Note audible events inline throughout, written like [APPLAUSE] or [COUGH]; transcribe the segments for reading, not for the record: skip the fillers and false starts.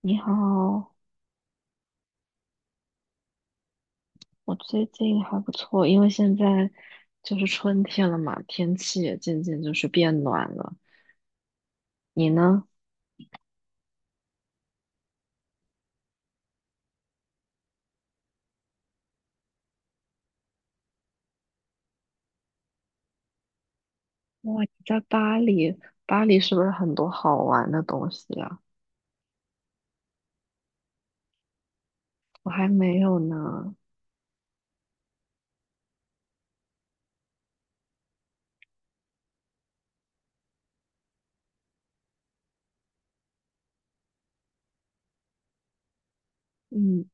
你好，我最近还不错，因为现在就是春天了嘛，天气也渐渐就是变暖了。你呢？哇，你在巴黎，巴黎是不是很多好玩的东西啊？我还没有呢。嗯，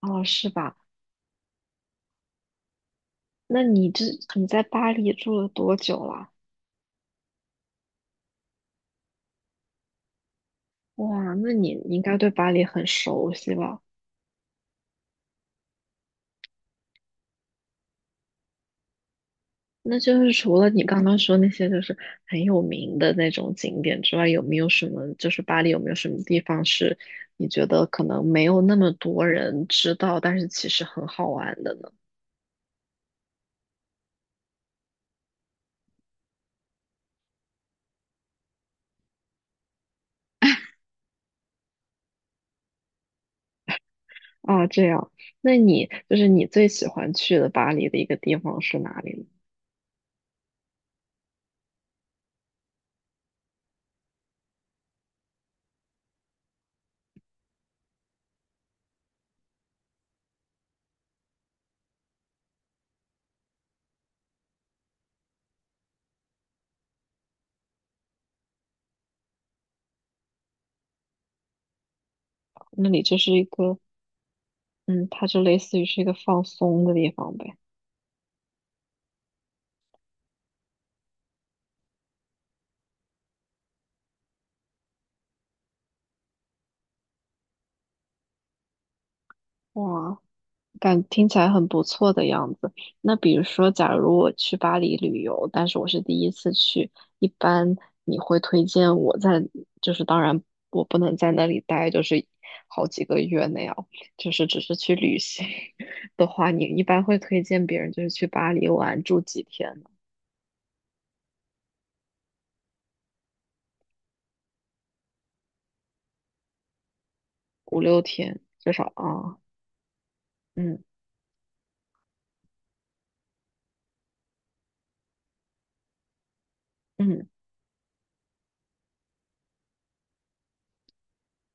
哦，是吧？那你在巴黎住了多久了？哇，那你应该对巴黎很熟悉吧？那就是除了你刚刚说那些就是很有名的那种景点之外，有没有什么就是巴黎有没有什么地方是你觉得可能没有那么多人知道，但是其实很好玩的呢？啊，这样，那你就是你最喜欢去的巴黎的一个地方是哪里呢？那里就是一个，嗯，它就类似于是一个放松的地方呗。哇，听起来很不错的样子。那比如说，假如我去巴黎旅游，但是我是第一次去，一般你会推荐我在，就是当然我不能在那里待，就是好几个月那样，就是只是去旅行 [LAUGHS] 的话，你一般会推荐别人就是去巴黎玩住几天呢？5、6天至少啊，嗯嗯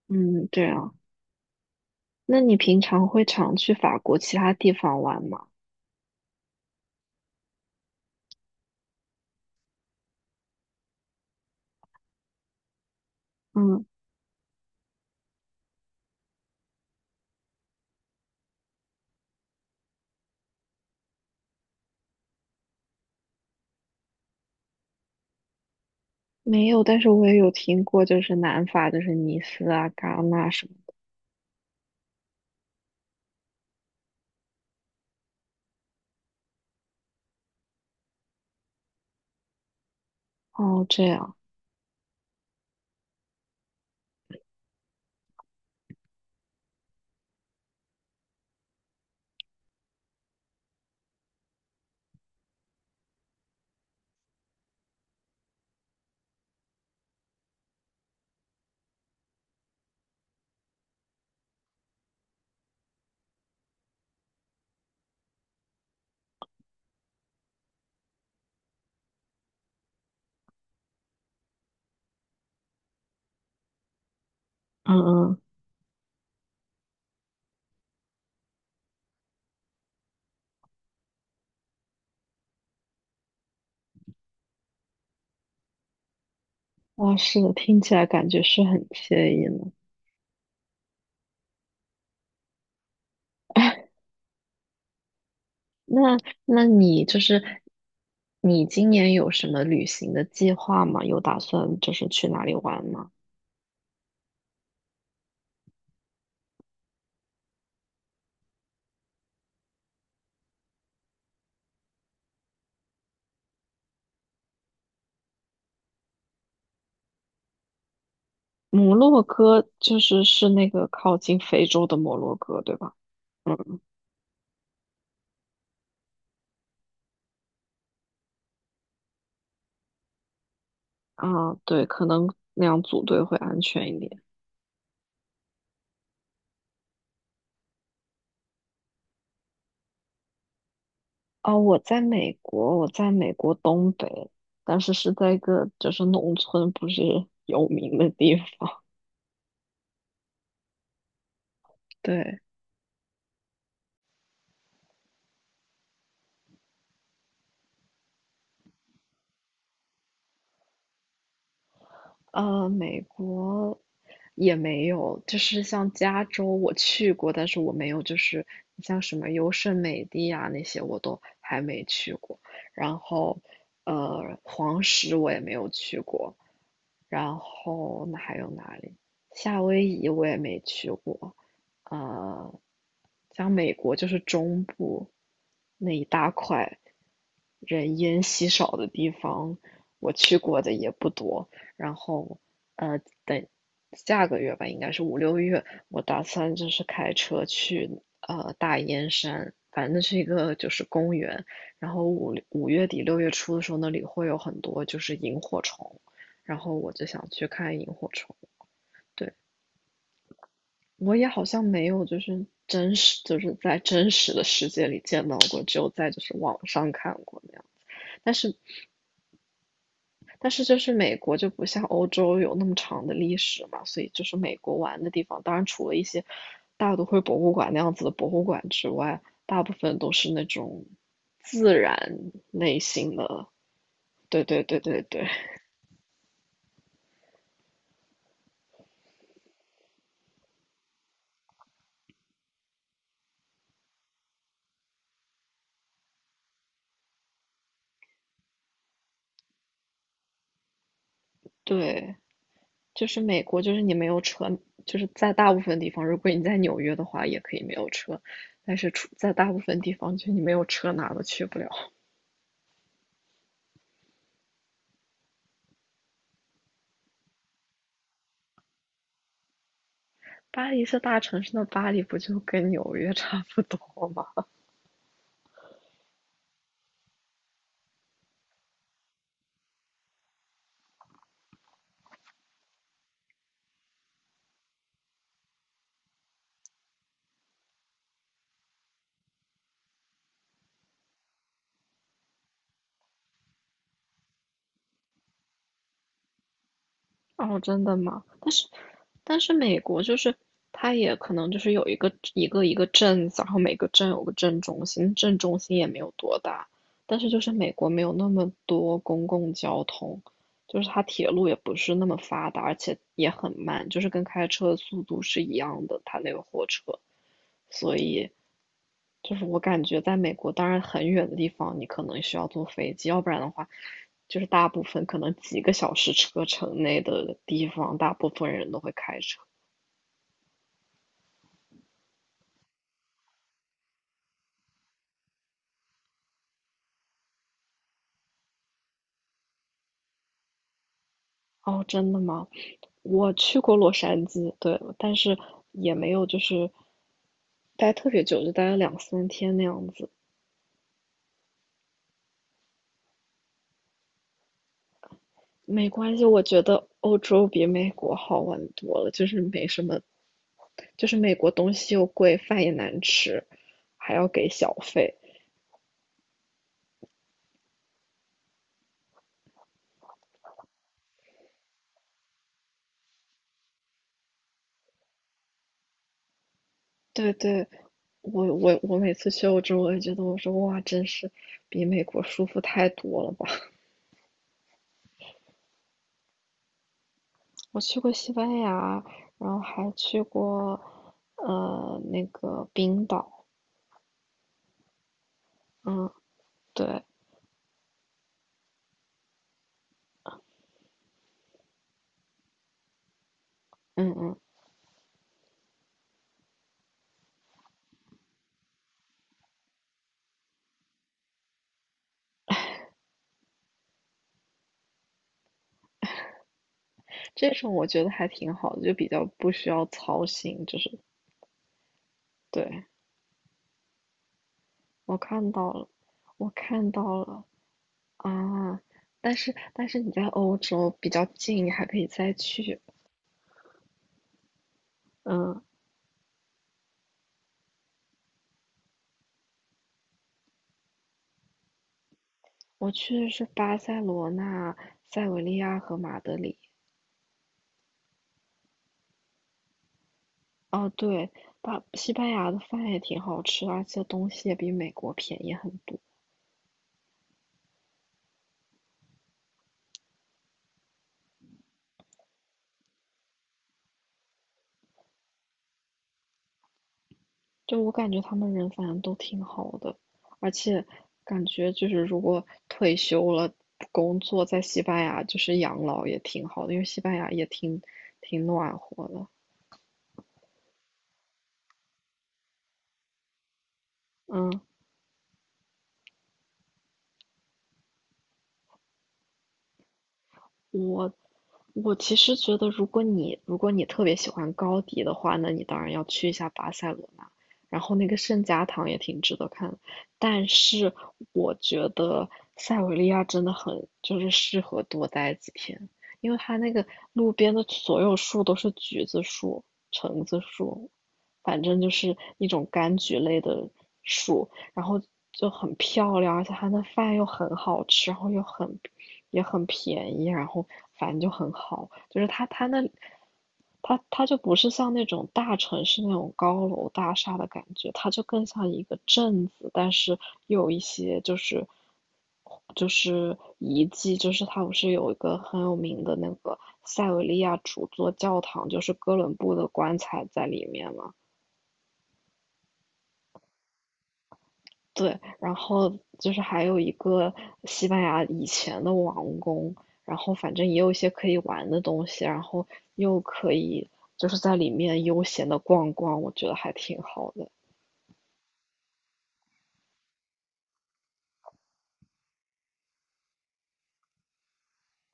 嗯，对啊。那你平常会常去法国其他地方玩吗？嗯。没有，但是我也有听过，就是南法，就是尼斯啊、戛纳什么。哦，这样，嗯嗯，哇，是的，听起来感觉是很惬意呢。那，那你就是你今年有什么旅行的计划吗？有打算就是去哪里玩吗？摩洛哥就是是那个靠近非洲的摩洛哥，对吧？嗯，啊，对，可能那样组队会安全一点。哦，我在美国，我在美国东北，但是是在一个就是农村，不是有名的地方。[LAUGHS] 对，美国也没有，就是像加州我去过，但是我没有，就是像什么优胜美地啊那些我都还没去过。然后，黄石我也没有去过，然后那还有哪里？夏威夷我也没去过，呃，像美国就是中部那一大块人烟稀少的地方，我去过的也不多。然后，呃，等下个月吧，应该是5、6月，我打算就是开车去大烟山，反正那是一个就是公园。然后五月底六月初的时候，那里会有很多就是萤火虫。然后我就想去看萤火虫。对，我也好像没有就是真实就是在真实的世界里见到过，只有在就是网上看过那样。但是但是就是美国就不像欧洲有那么长的历史嘛，所以就是美国玩的地方，当然除了一些大都会博物馆那样子的博物馆之外，大部分都是那种自然类型的。对对对对对对。就是美国，就是你没有车，就是在大部分地方，如果你在纽约的话，也可以没有车，但是出在大部分地方，就你没有车哪都去不了。巴黎是大城市，那巴黎不就跟纽约差不多吗？哦，真的吗？但是美国就是它也可能就是有一个镇子，然后每个镇有个镇中心，镇中心也没有多大，但是就是美国没有那么多公共交通，就是它铁路也不是那么发达，而且也很慢，就是跟开车的速度是一样的，它那个火车，就是我感觉在美国，当然很远的地方，你可能需要坐飞机，要不然的话，就是大部分可能几个小时车程内的地方，大部分人都会开车。哦，真的吗？我去过洛杉矶，对，但是也没有就是待特别久，就待了2、3天那样子。没关系，我觉得欧洲比美国好玩多了，就是没什么，就是美国东西又贵，饭也难吃，还要给小费。对对，我每次去欧洲，我也觉得我说哇，真是比美国舒服太多了吧！[LAUGHS] 我去过西班牙，然后还去过那个冰岛，嗯，对，嗯嗯，这种我觉得还挺好的，就比较不需要操心，就是对我看到了，我看到了啊，但是你在欧洲比较近，你还可以再去，嗯，我去的是巴塞罗那、塞维利亚和马德里。哦，对，把西班牙的饭也挺好吃，而且东西也比美国便宜很多。就我感觉他们人反正都挺好的，而且感觉就是如果退休了不工作，在西班牙就是养老也挺好的，因为西班牙也挺挺暖和的。嗯。我我其实觉得，如果你特别喜欢高迪的话，那你当然要去一下巴塞罗那，然后那个圣家堂也挺值得看的。但是我觉得塞维利亚真的很就是适合多待几天，因为它那个路边的所有树都是橘子树、橙子树，反正就是一种柑橘类的树，然后就很漂亮，而且它的饭又很好吃，然后又很也很便宜，然后反正就很好，就是它它那它它就不是像那种大城市那种高楼大厦的感觉，它就更像一个镇子，但是又有一些就是就是遗迹，就是它不是有一个很有名的那个塞维利亚主座教堂，就是哥伦布的棺材在里面嘛。对，然后就是还有一个西班牙以前的王宫，然后反正也有一些可以玩的东西，然后又可以就是在里面悠闲的逛逛，我觉得还挺好的。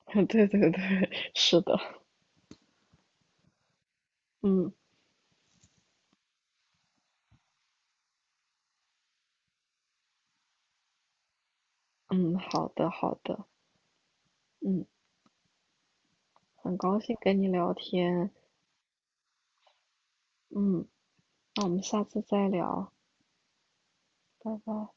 [LAUGHS] 对对对，是的，嗯嗯，好的好的，嗯，很高兴跟你聊天，嗯，那我们下次再聊，拜拜。